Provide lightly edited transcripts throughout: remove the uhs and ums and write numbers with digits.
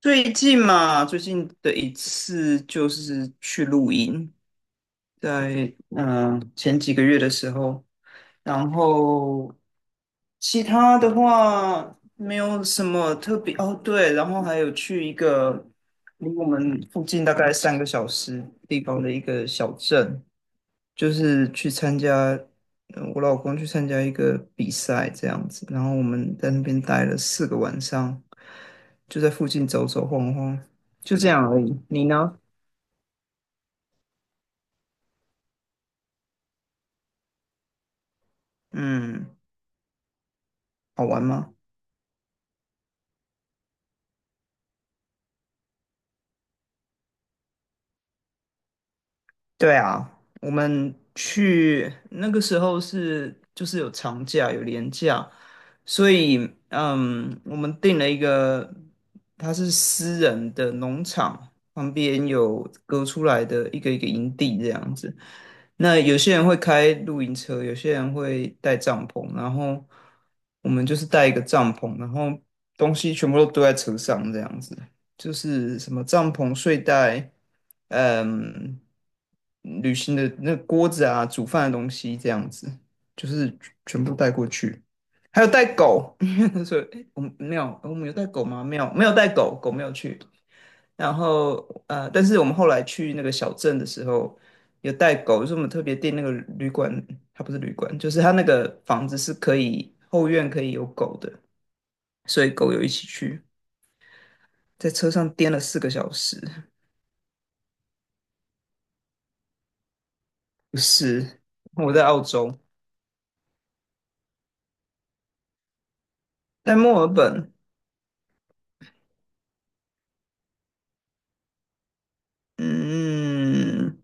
最近嘛，最近的一次就是去露营，在前几个月的时候，然后其他的话没有什么特别哦，对，然后还有去一个离我们附近大概3个小时地方的一个小镇，就是去参加，我老公去参加一个比赛这样子，然后我们在那边待了四个晚上，就在附近走走晃晃，就这样而已。你呢？嗯，好玩吗？对啊，我们去那个时候就是有长假有连假，所以我们订了一个，它是私人的农场，旁边有隔出来的一个一个营地这样子。那有些人会开露营车，有些人会带帐篷，然后我们就是带一个帐篷，然后东西全部都堆在车上这样子。就是什么帐篷、睡袋，嗯，旅行的那个锅子啊，煮饭的东西这样子，就是全部带过去。还有带狗，所以我们没有，我们有带狗吗？没有，没有带狗，狗没有去。然后但是我们后来去那个小镇的时候，有带狗，就是我们特别订那个旅馆，它不是旅馆，就是它那个房子是可以后院可以有狗的，所以狗有一起去，在车上颠了4个小时。不是，我在澳洲，在墨尔本。嗯，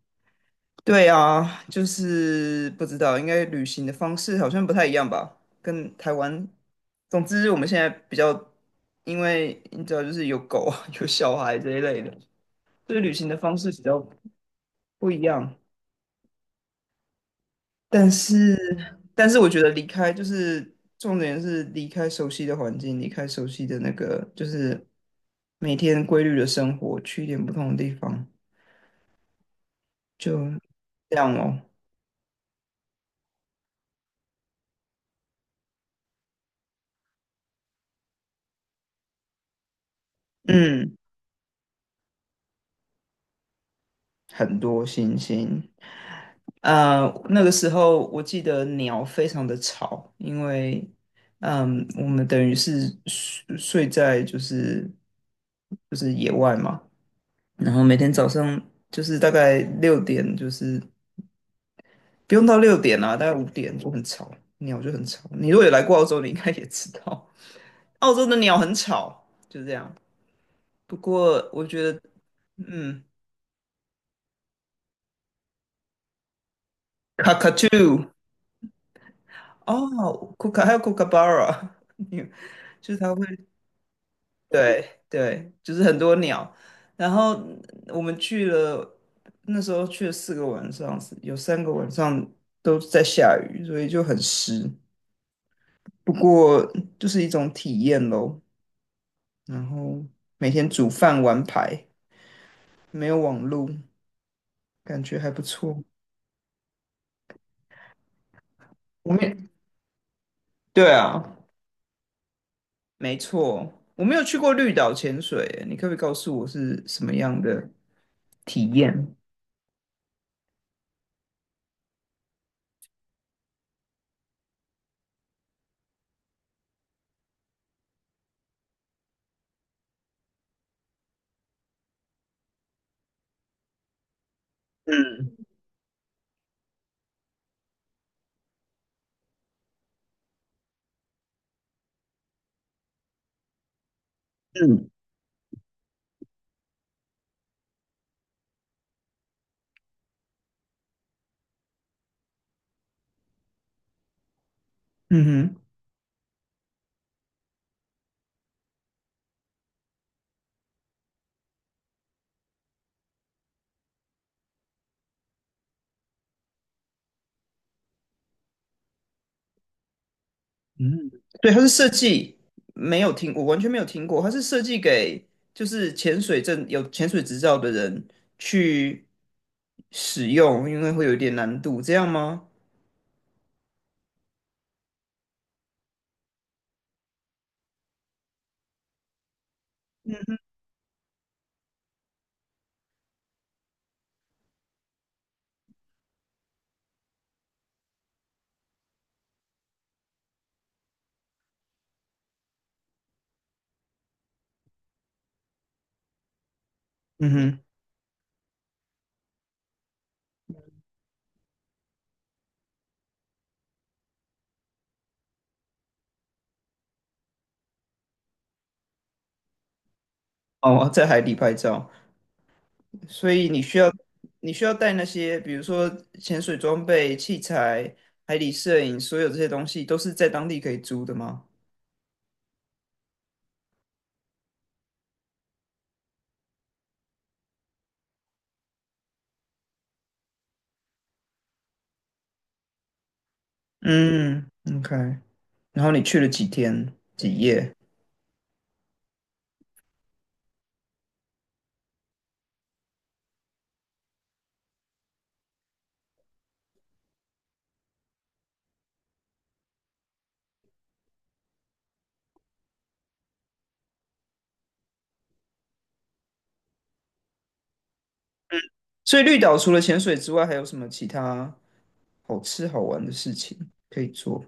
对啊，就是不知道，应该旅行的方式好像不太一样吧，跟台湾。总之，我们现在比较，因为你知道，就是有狗啊，有小孩这一类的，所以旅行的方式比较不一样。但是，但是我觉得离开就是重点是离开熟悉的环境，离开熟悉的那个，就是每天规律的生活，去一点不同的地方。就这样哦。嗯，很多星星。呃，那个时候我记得鸟非常的吵，因为我们等于是睡在就是野外嘛，然后每天早上就是大概六点，就是不用到六点啊，大概5点就很吵，鸟就很吵。你如果有来过澳洲，你应该也知道，澳洲的鸟很吵，就这样。不过我觉得，嗯，cockatoo。哦，Kooka 还有 k o o k a b u r a 你就是它会，对对，就是很多鸟。然后我们去了，那时候去了四个晚上，有3个晚上都在下雨，所以就很湿。不过就是一种体验咯。然后每天煮饭玩牌，没有网路，感觉还不错。我们也对啊，没错，我没有去过绿岛潜水，你可不可以告诉我是什么样的体验？嗯，嗯，嗯哼，嗯，对，它是设计，没有听，我完全没有听过，它是设计给就是潜水证有潜水执照的人去使用，因为会有一点难度，这样吗？嗯哼，哦，在海底拍照，所以你需要带那些，比如说潜水装备、器材、海底摄影，所有这些东西都是在当地可以租的吗？嗯，OK，然后你去了几天几夜？所以绿岛除了潜水之外，还有什么其他好吃好玩的事情可以做？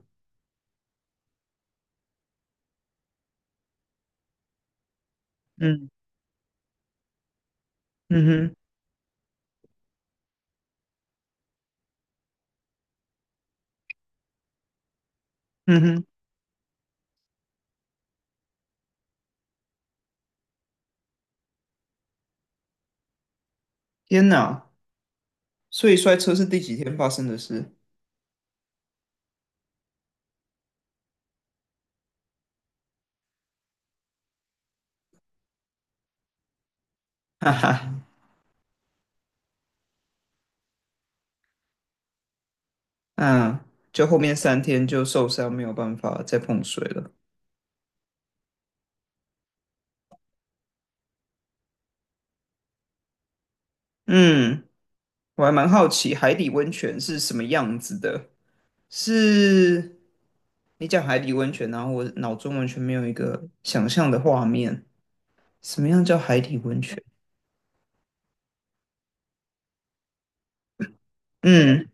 嗯，嗯哼，嗯哼，天哪！所以摔车是第几天发生的事？哈哈，嗯，就后面3天就受伤，没有办法再碰水了。嗯，我还蛮好奇海底温泉是什么样子的。是你讲海底温泉，然后我脑中完全没有一个想象的画面，什么样叫海底温泉？嗯。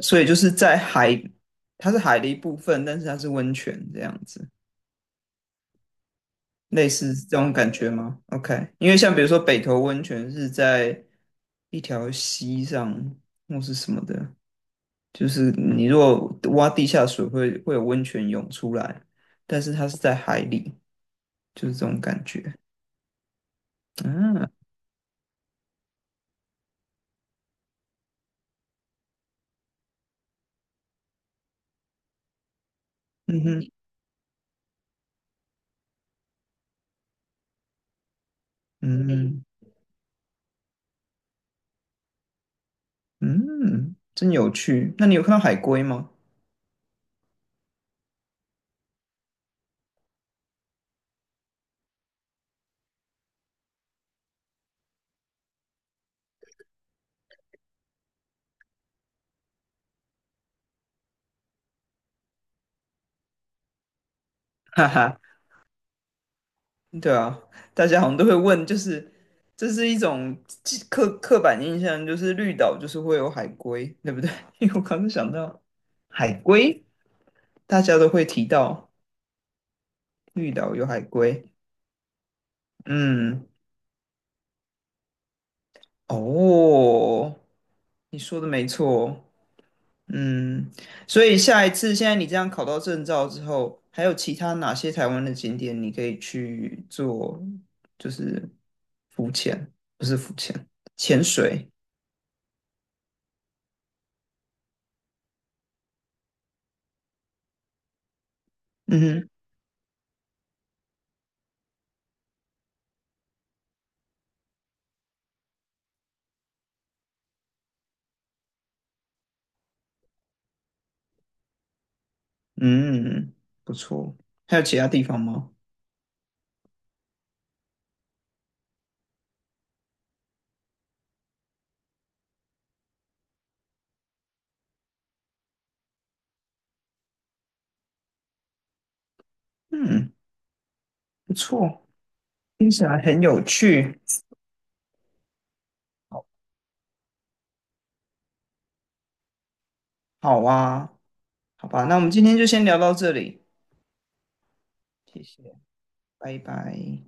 所以就是在海，它是海的一部分，但是它是温泉这样子，类似这种感觉吗？OK，因为像比如说北投温泉是在一条溪上或是什么的，就是你如果挖地下水会有温泉涌出来，但是它是在海里，就是这种感觉。嗯、啊、嗯哼，嗯，嗯，真有趣。那你有看到海龟吗？哈哈。对啊，大家好像都会问，就是这是一种刻板印象，就是绿岛就是会有海龟，对不对？因为我刚刚想到海龟，大家都会提到绿岛有海龟。嗯，哦，你说的没错。嗯，所以下一次，现在你这样考到证照之后，还有其他哪些台湾的景点你可以去做，就是浮潜，不是浮潜，潜水？嗯哼，嗯，不错。还有其他地方吗？嗯，不错，听起来很有趣。好啊，好吧，那我们今天就先聊到这里，谢谢，拜拜。